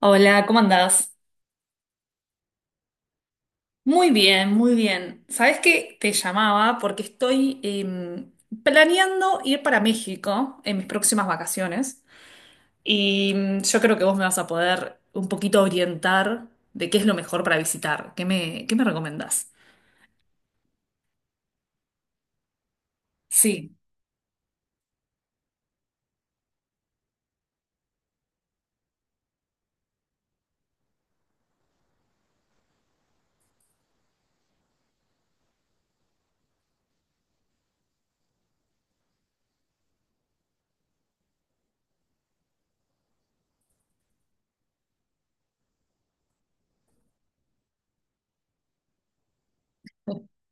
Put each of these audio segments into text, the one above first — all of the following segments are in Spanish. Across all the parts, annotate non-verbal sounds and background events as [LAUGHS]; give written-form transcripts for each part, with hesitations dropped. Hola, ¿cómo andás? Muy bien, muy bien. ¿Sabés qué? Te llamaba porque estoy planeando ir para México en mis próximas vacaciones y yo creo que vos me vas a poder un poquito orientar de qué es lo mejor para visitar. ¿Qué me recomendás? Sí. [LAUGHS]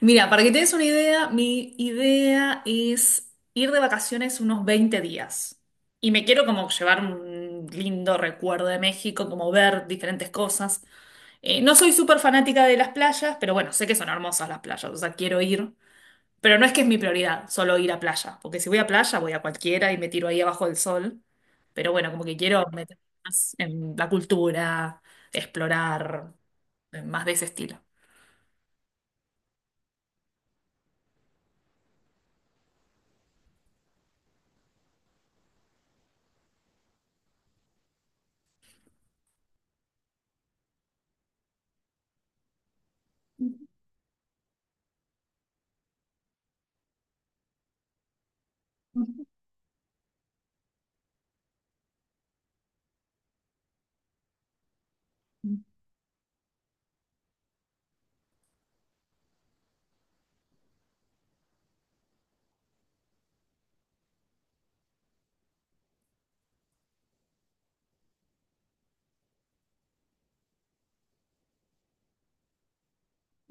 Mira, para que te des una idea, mi idea es ir de vacaciones unos 20 días. Y me quiero como llevar un lindo recuerdo de México, como ver diferentes cosas. No soy súper fanática de las playas, pero bueno, sé que son hermosas las playas, o sea, quiero ir. Pero no es que es mi prioridad solo ir a playa, porque si voy a playa voy a cualquiera y me tiro ahí abajo del sol. Pero bueno, como que quiero meter más en la cultura, explorar, más de ese estilo.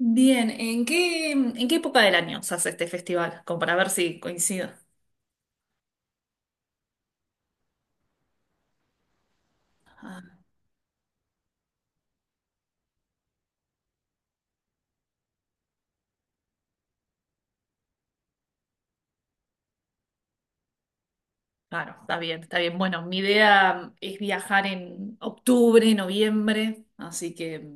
Bien, ¿en qué época del año se hace este festival? Como para ver si coincido. Ah, claro, está bien, está bien. Bueno, mi idea es viajar en octubre, noviembre, así que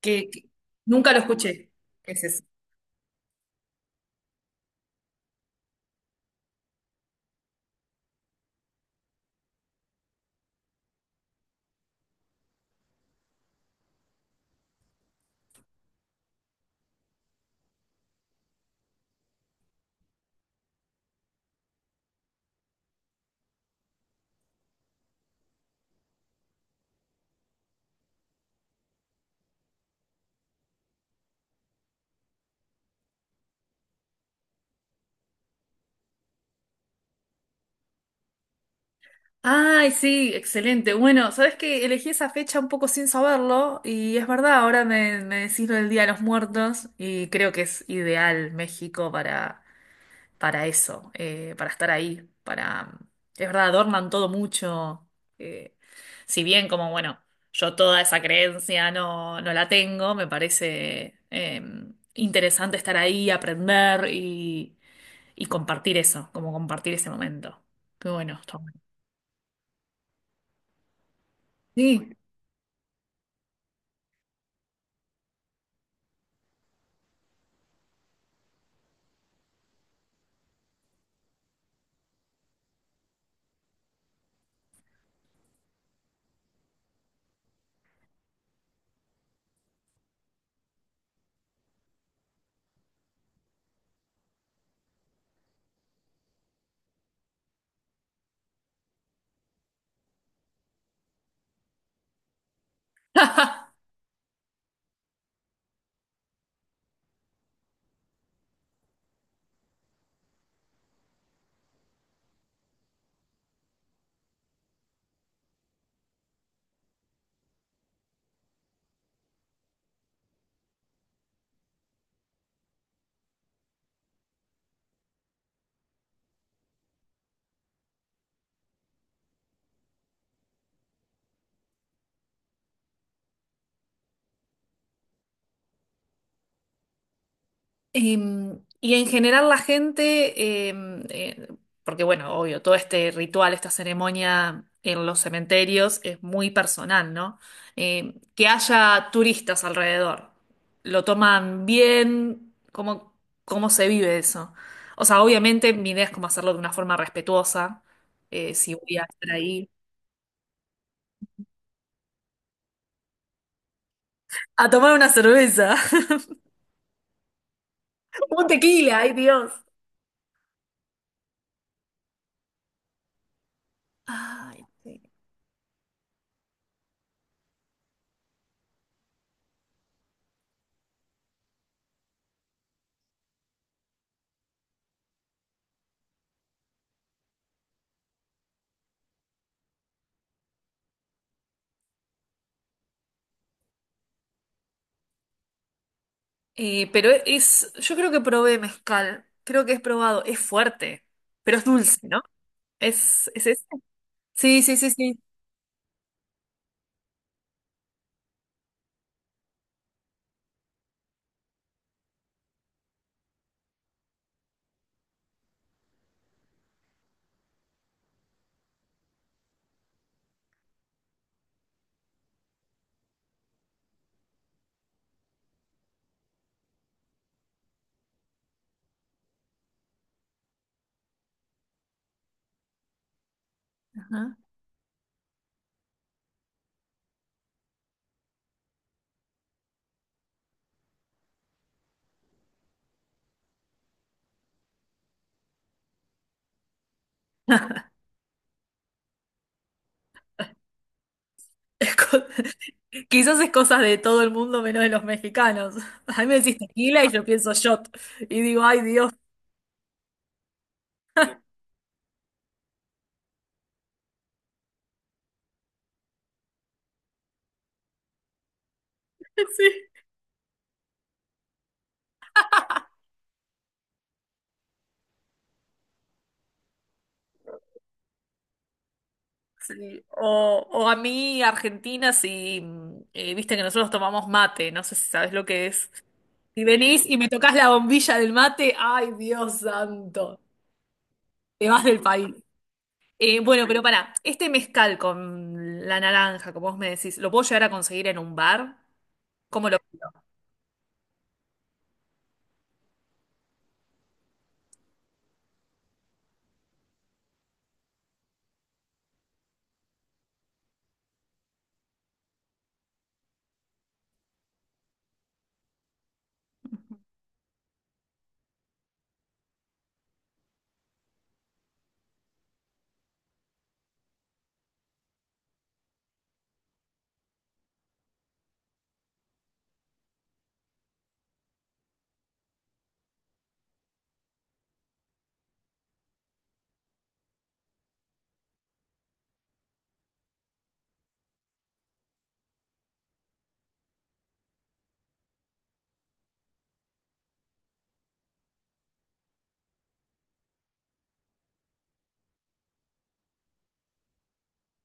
que, que- nunca lo escuché. Es ese. Ay, sí, excelente. Bueno, sabes que elegí esa fecha un poco sin saberlo y es verdad, ahora me decís lo del Día de los Muertos y creo que es ideal México para eso, para estar ahí, para... Es verdad, adornan todo mucho. eh, si bien como, bueno, yo toda esa creencia no, no la tengo, me parece interesante estar ahí, aprender y compartir eso, como compartir ese momento. Qué bueno, está bueno. Sí. [LAUGHS] Y en general la gente, porque bueno, obvio, todo este ritual, esta ceremonia en los cementerios es muy personal, ¿no? Em, que haya turistas alrededor, lo toman bien, ¿cómo se vive eso? O sea, obviamente mi idea es cómo hacerlo de una forma respetuosa, si voy a estar ahí. A tomar una cerveza. [LAUGHS] Un tequila, ay Dios. Ay, sí. Pero es, yo creo que probé mezcal, creo que he probado, es fuerte, pero es dulce, ¿no? Es ese. Sí, sí, sí, sí. Ajá. Es co- [LAUGHS] Quizás es cosa de todo el mundo menos de los mexicanos. A mí me decís tequila y yo pienso shot. Y digo, ay Dios. [LAUGHS] Sí. Sí. O a mí, Argentina, si viste que nosotros tomamos mate, no sé si sabes lo que es. Si venís y me tocas la bombilla del mate, ay, Dios santo, te vas del país. Bueno, pero pará, este mezcal con la naranja, como vos me decís, ¿lo puedo llegar a conseguir en un bar? ¿Cómo lo...?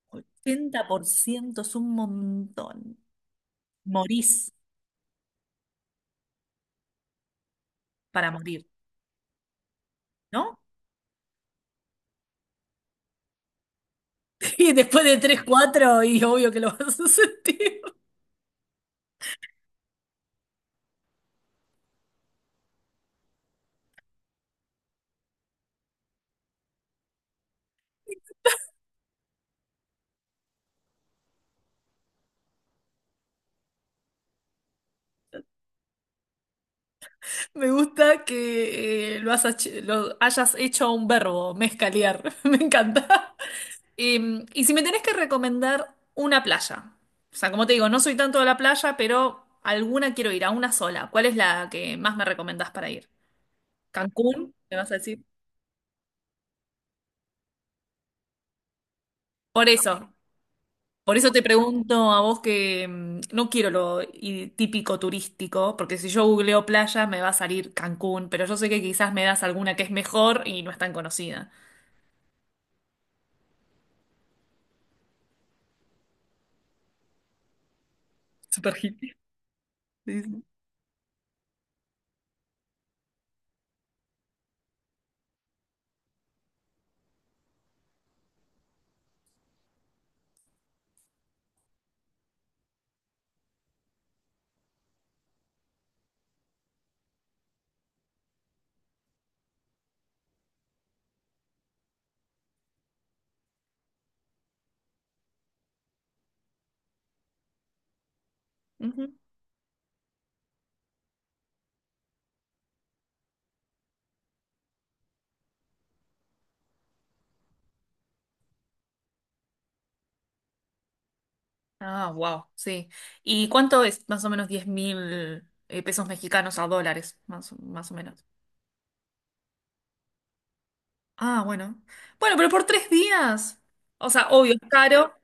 80% es un montón. Morís para morir, ¿no? [LAUGHS] Y después de 3 4, y obvio que lo vas a sentir. Me gusta que has hecho- lo hayas hecho un verbo, mezcalear. [LAUGHS] Me encanta. Y si me tenés que recomendar una playa, o sea, como te digo, no soy tanto de la playa, pero alguna quiero ir, a una sola. ¿Cuál es la que más me recomendás para ir? ¿Cancún? ¿Me vas a decir? Por eso, por eso te pregunto a vos que no quiero lo i- típico turístico, porque si yo googleo playa me va a salir Cancún, pero yo sé que quizás me das alguna que es mejor y no es tan conocida. Super hippie. Sí, sí. Ah, wow, sí. ¿Y cuánto es más o menos 10.000 pesos mexicanos a dólares? Más, o- más o menos. Ah, bueno. Bueno, pero por 3 días. O sea, obvio, es caro,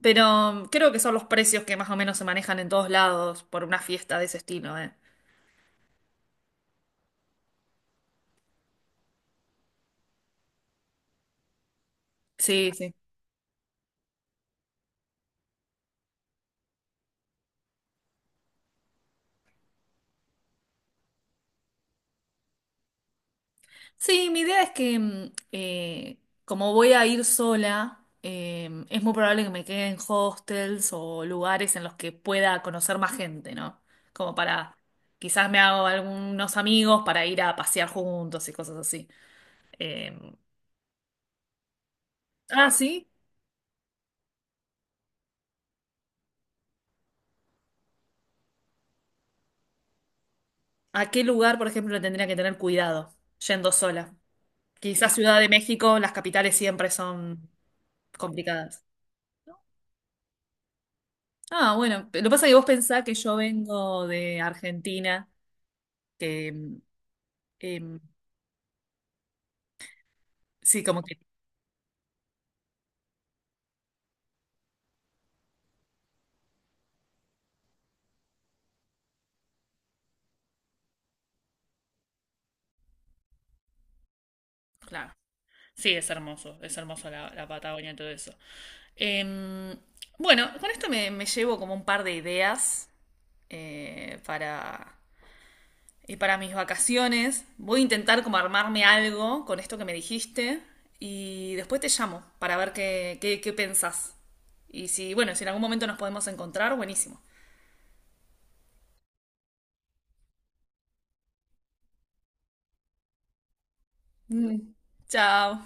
pero creo que son los precios que más o menos se manejan en todos lados por una fiesta de ese estilo, ¿eh? Sí, sí. Sí, mi idea es que como voy a ir sola, es muy probable que me quede en hostels o lugares en los que pueda conocer más gente, ¿no? Como para, quizás me hago algunos amigos para ir a pasear juntos y cosas así. Eh, ah, sí. ¿A qué lugar, por ejemplo, le tendría que tener cuidado yendo sola? Quizás Ciudad de México, las capitales siempre son complicadas. Ah, bueno, lo que pasa es que vos pensás que yo vengo de Argentina, que em, em, sí, como que... Claro. Sí, es hermoso la Patagonia y todo eso. Em, bueno, con esto me llevo como un par de ideas para, y para mis vacaciones. Voy a intentar como armarme algo con esto que me dijiste y después te llamo para ver qué pensás. Y si, bueno, si en algún momento nos podemos encontrar, buenísimo. Mm. Chao.